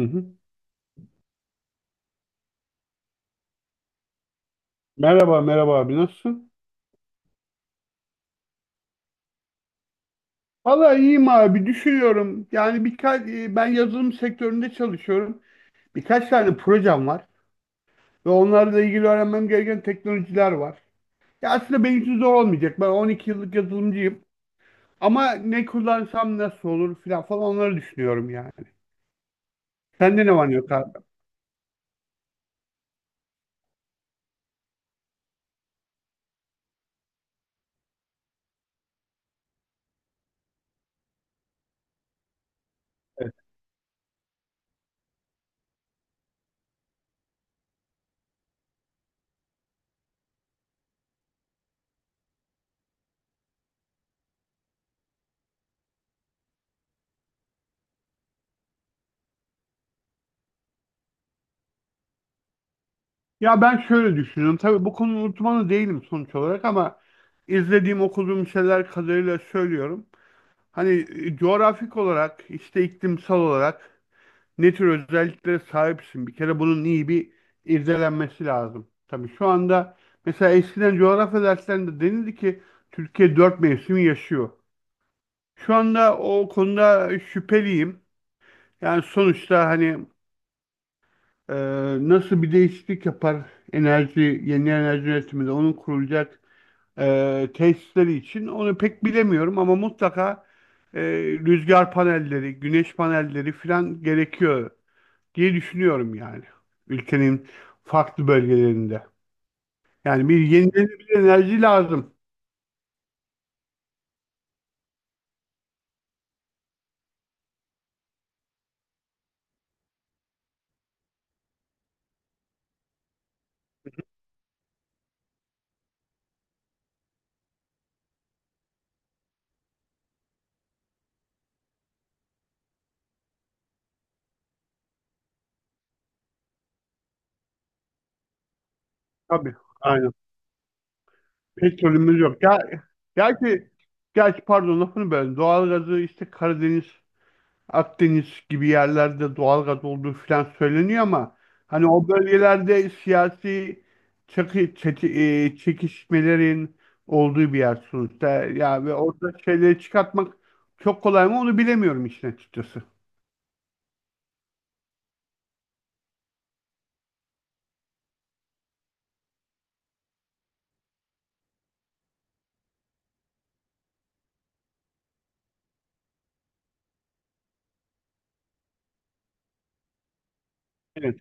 Hı hı. Merhaba, merhaba abi nasılsın? Valla iyiyim abi düşünüyorum. Yani birkaç ben yazılım sektöründe çalışıyorum. Birkaç tane projem var ve onlarla ilgili öğrenmem gereken teknolojiler var. Ya aslında benim için zor olmayacak. Ben 12 yıllık yazılımcıyım. Ama ne kullansam nasıl olur filan falan onları düşünüyorum yani. Sende ne var ne yok abi? Evet. Ya ben şöyle düşünüyorum. Tabii bu konu uzmanı değilim sonuç olarak ama izlediğim okuduğum şeyler kadarıyla söylüyorum. Hani coğrafik olarak, işte iklimsel olarak ne tür özelliklere sahipsin? Bir kere bunun iyi bir irdelenmesi lazım. Tabii şu anda mesela eskiden coğrafya derslerinde denildi ki Türkiye dört mevsim yaşıyor. Şu anda o konuda şüpheliyim. Yani sonuçta hani e, nasıl bir değişiklik yapar enerji, yeni enerji üretiminde onun kurulacak tesisleri için onu pek bilemiyorum ama mutlaka e, rüzgar panelleri, güneş panelleri filan gerekiyor diye düşünüyorum yani. Ülkenin farklı bölgelerinde. Yani bir yenilenebilir enerji lazım. Tabii, aynen. Petrolümüz yok. Ya, gerçi, gerçi pardon lafını böldüm. Doğalgazı işte Karadeniz Akdeniz gibi yerlerde doğalgaz olduğu falan söyleniyor ama hani o bölgelerde siyasi çekişmelerin olduğu bir yer sonuçta. Ya ve orada şeyleri çıkartmak çok kolay mı onu bilemiyorum işin açıkçası. Evet.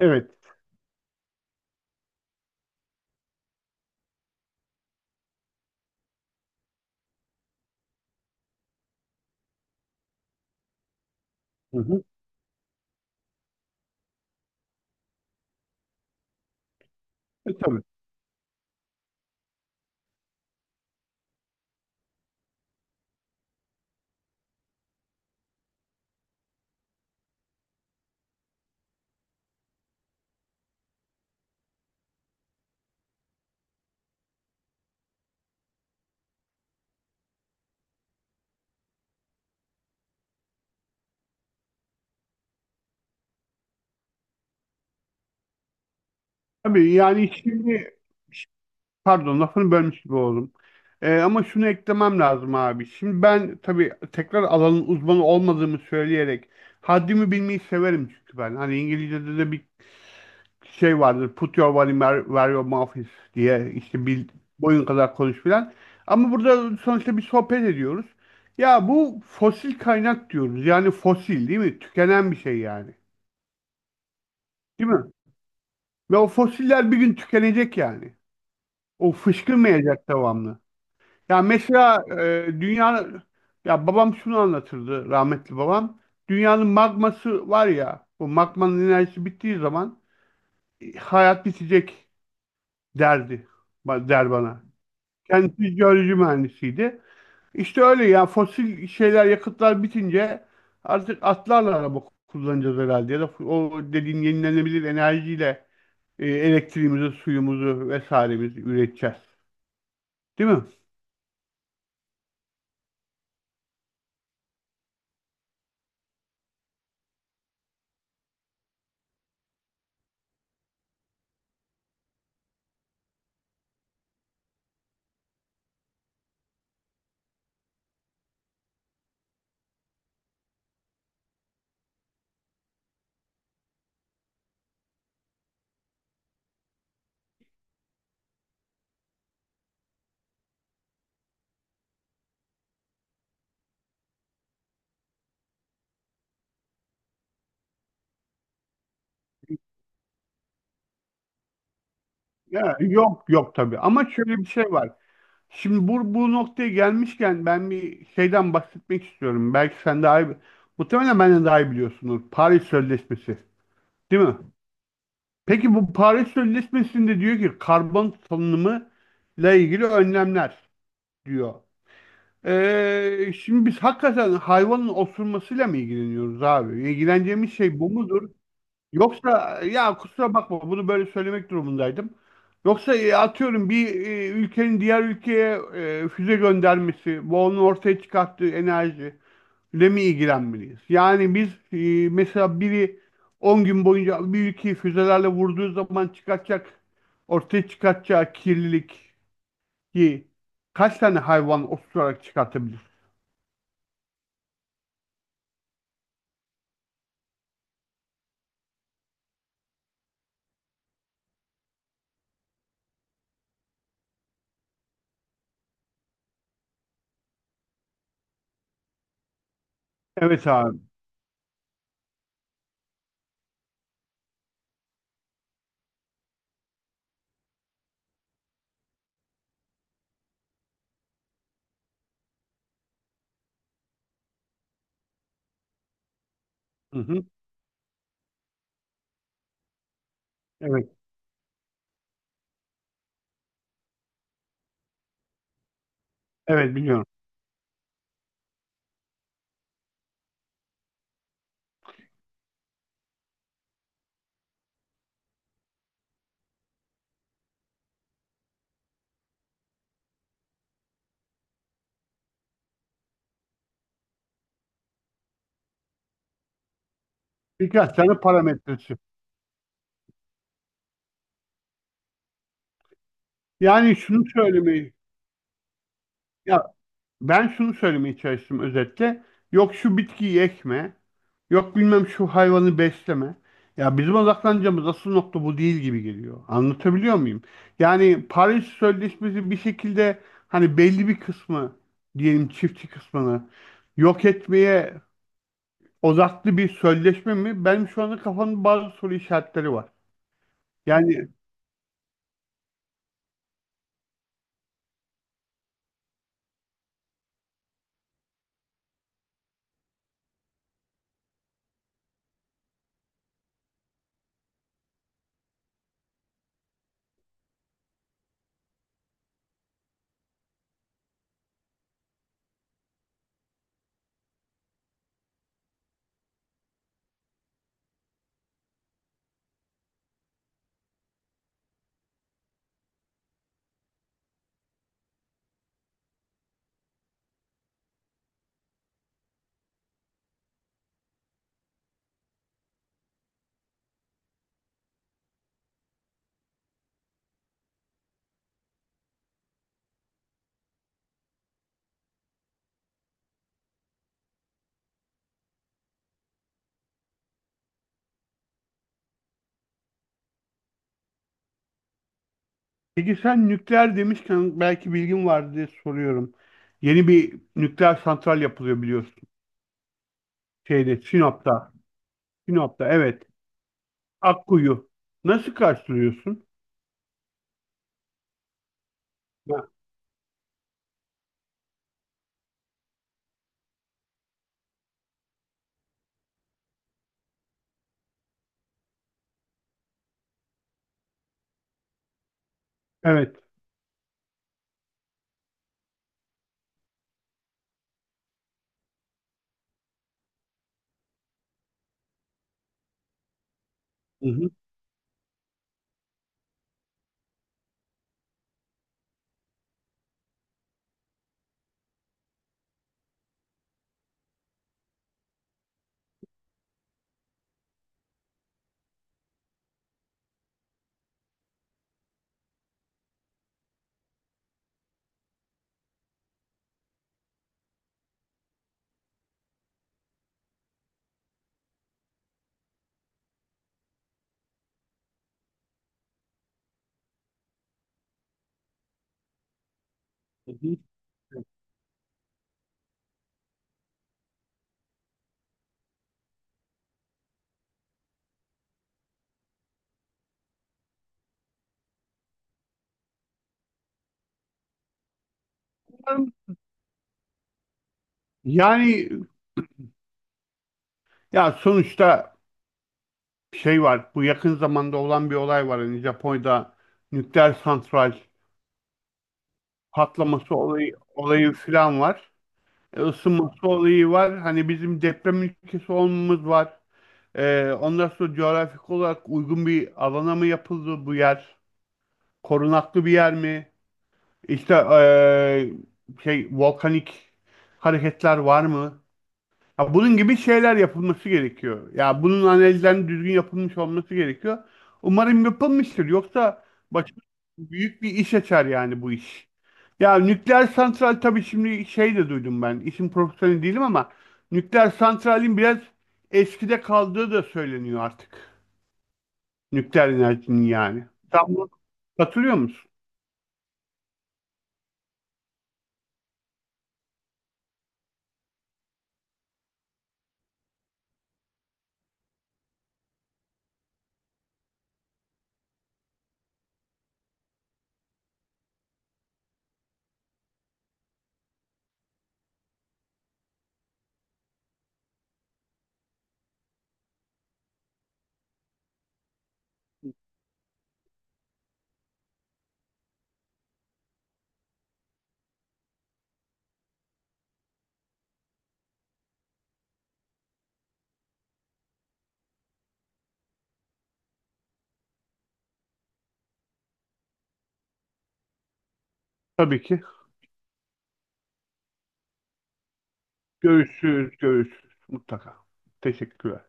Evet. Hı hı. E, tabii. Tabii yani şimdi pardon lafını bölmüş gibi oldum. E, ama şunu eklemem lazım abi. Şimdi ben tabii tekrar alanın uzmanı olmadığımı söyleyerek haddimi bilmeyi severim çünkü ben. Hani İngilizce'de de bir şey vardır. Put your money where your mouth is diye işte bil, boyun kadar konuş filan. Ama burada sonuçta bir sohbet ediyoruz. Ya bu fosil kaynak diyoruz. Yani fosil değil mi? Tükenen bir şey yani. Değil mi? Ve o fosiller bir gün tükenecek yani. O fışkırmayacak devamlı. Ya mesela dünya ya babam şunu anlatırdı rahmetli babam. Dünyanın magması var ya. O magmanın enerjisi bittiği zaman hayat bitecek derdi. Der bana. Kendisi jeoloji mühendisiydi. İşte öyle ya fosil şeyler yakıtlar bitince artık atlarla araba kullanacağız herhalde ya da o dediğin yenilenebilir enerjiyle elektriğimizi, suyumuzu vesairemizi üreteceğiz. Değil mi? Ya, yok yok tabii ama şöyle bir şey var. Şimdi bu noktaya gelmişken ben bir şeyden bahsetmek istiyorum. Belki sen daha iyi, muhtemelen benden daha iyi biliyorsunuz. Paris Sözleşmesi. Değil mi? Peki bu Paris Sözleşmesi'nde diyor ki karbon salınımı ile ilgili önlemler diyor. Şimdi biz hakikaten hayvanın osurmasıyla mı ilgileniyoruz abi? İlgileneceğimiz şey bu mudur? Yoksa ya kusura bakma bunu böyle söylemek durumundaydım. Yoksa atıyorum bir ülkenin diğer ülkeye füze göndermesi, bu onun ortaya çıkarttığı enerji ile mi ilgilenmeliyiz? Yani biz mesela biri 10 gün boyunca bir ülkeyi füzelerle vurduğu zaman çıkartacak, ortaya çıkartacağı kirliliği kaç tane hayvan oturarak çıkartabilir? Evet abi. Hı hı. Evet. Evet biliyorum. Birkaç tane parametresi. Yani şunu söylemeyi, ya ben şunu söylemeye çalıştım özetle. Yok şu bitkiyi ekme. Yok bilmem şu hayvanı besleme. Ya bizim odaklanacağımız asıl nokta bu değil gibi geliyor. Anlatabiliyor muyum? Yani Paris Sözleşmesi bir şekilde hani belli bir kısmı diyelim çiftçi kısmını yok etmeye odaklı bir sözleşme mi? Benim şu anda kafamda bazı soru işaretleri var. Yani peki sen nükleer demişken belki bilgin var diye soruyorum. Yeni bir nükleer santral yapılıyor biliyorsun. Şeyde Sinop'ta. Sinop'ta evet. Akkuyu. Nasıl karşılıyorsun? Ha, evet. Hı hı, hı hı. Yani ya sonuçta şey var. Bu yakın zamanda olan bir olay var. Hani Japonya'da nükleer santral patlaması olayı falan var. E, ısınması olayı var. Hani bizim deprem ülkesi olmamız var. E, ondan sonra coğrafik olarak uygun bir alana mı yapıldı bu yer? Korunaklı bir yer mi? İşte şey volkanik hareketler var mı? Ya bunun gibi şeyler yapılması gerekiyor. Ya bunun analizlerinin düzgün yapılmış olması gerekiyor. Umarım yapılmıştır. Yoksa başımıza büyük bir iş açar yani bu iş. Ya nükleer santral tabii şimdi şey de duydum ben. İşin profesyoneli değilim ama nükleer santralin biraz eskide kaldığı da söyleniyor artık. Nükleer enerjinin yani. Sen buna katılıyor musun? Tabii ki. Görüşürüz, görüşürüz mutlaka. Teşekkürler.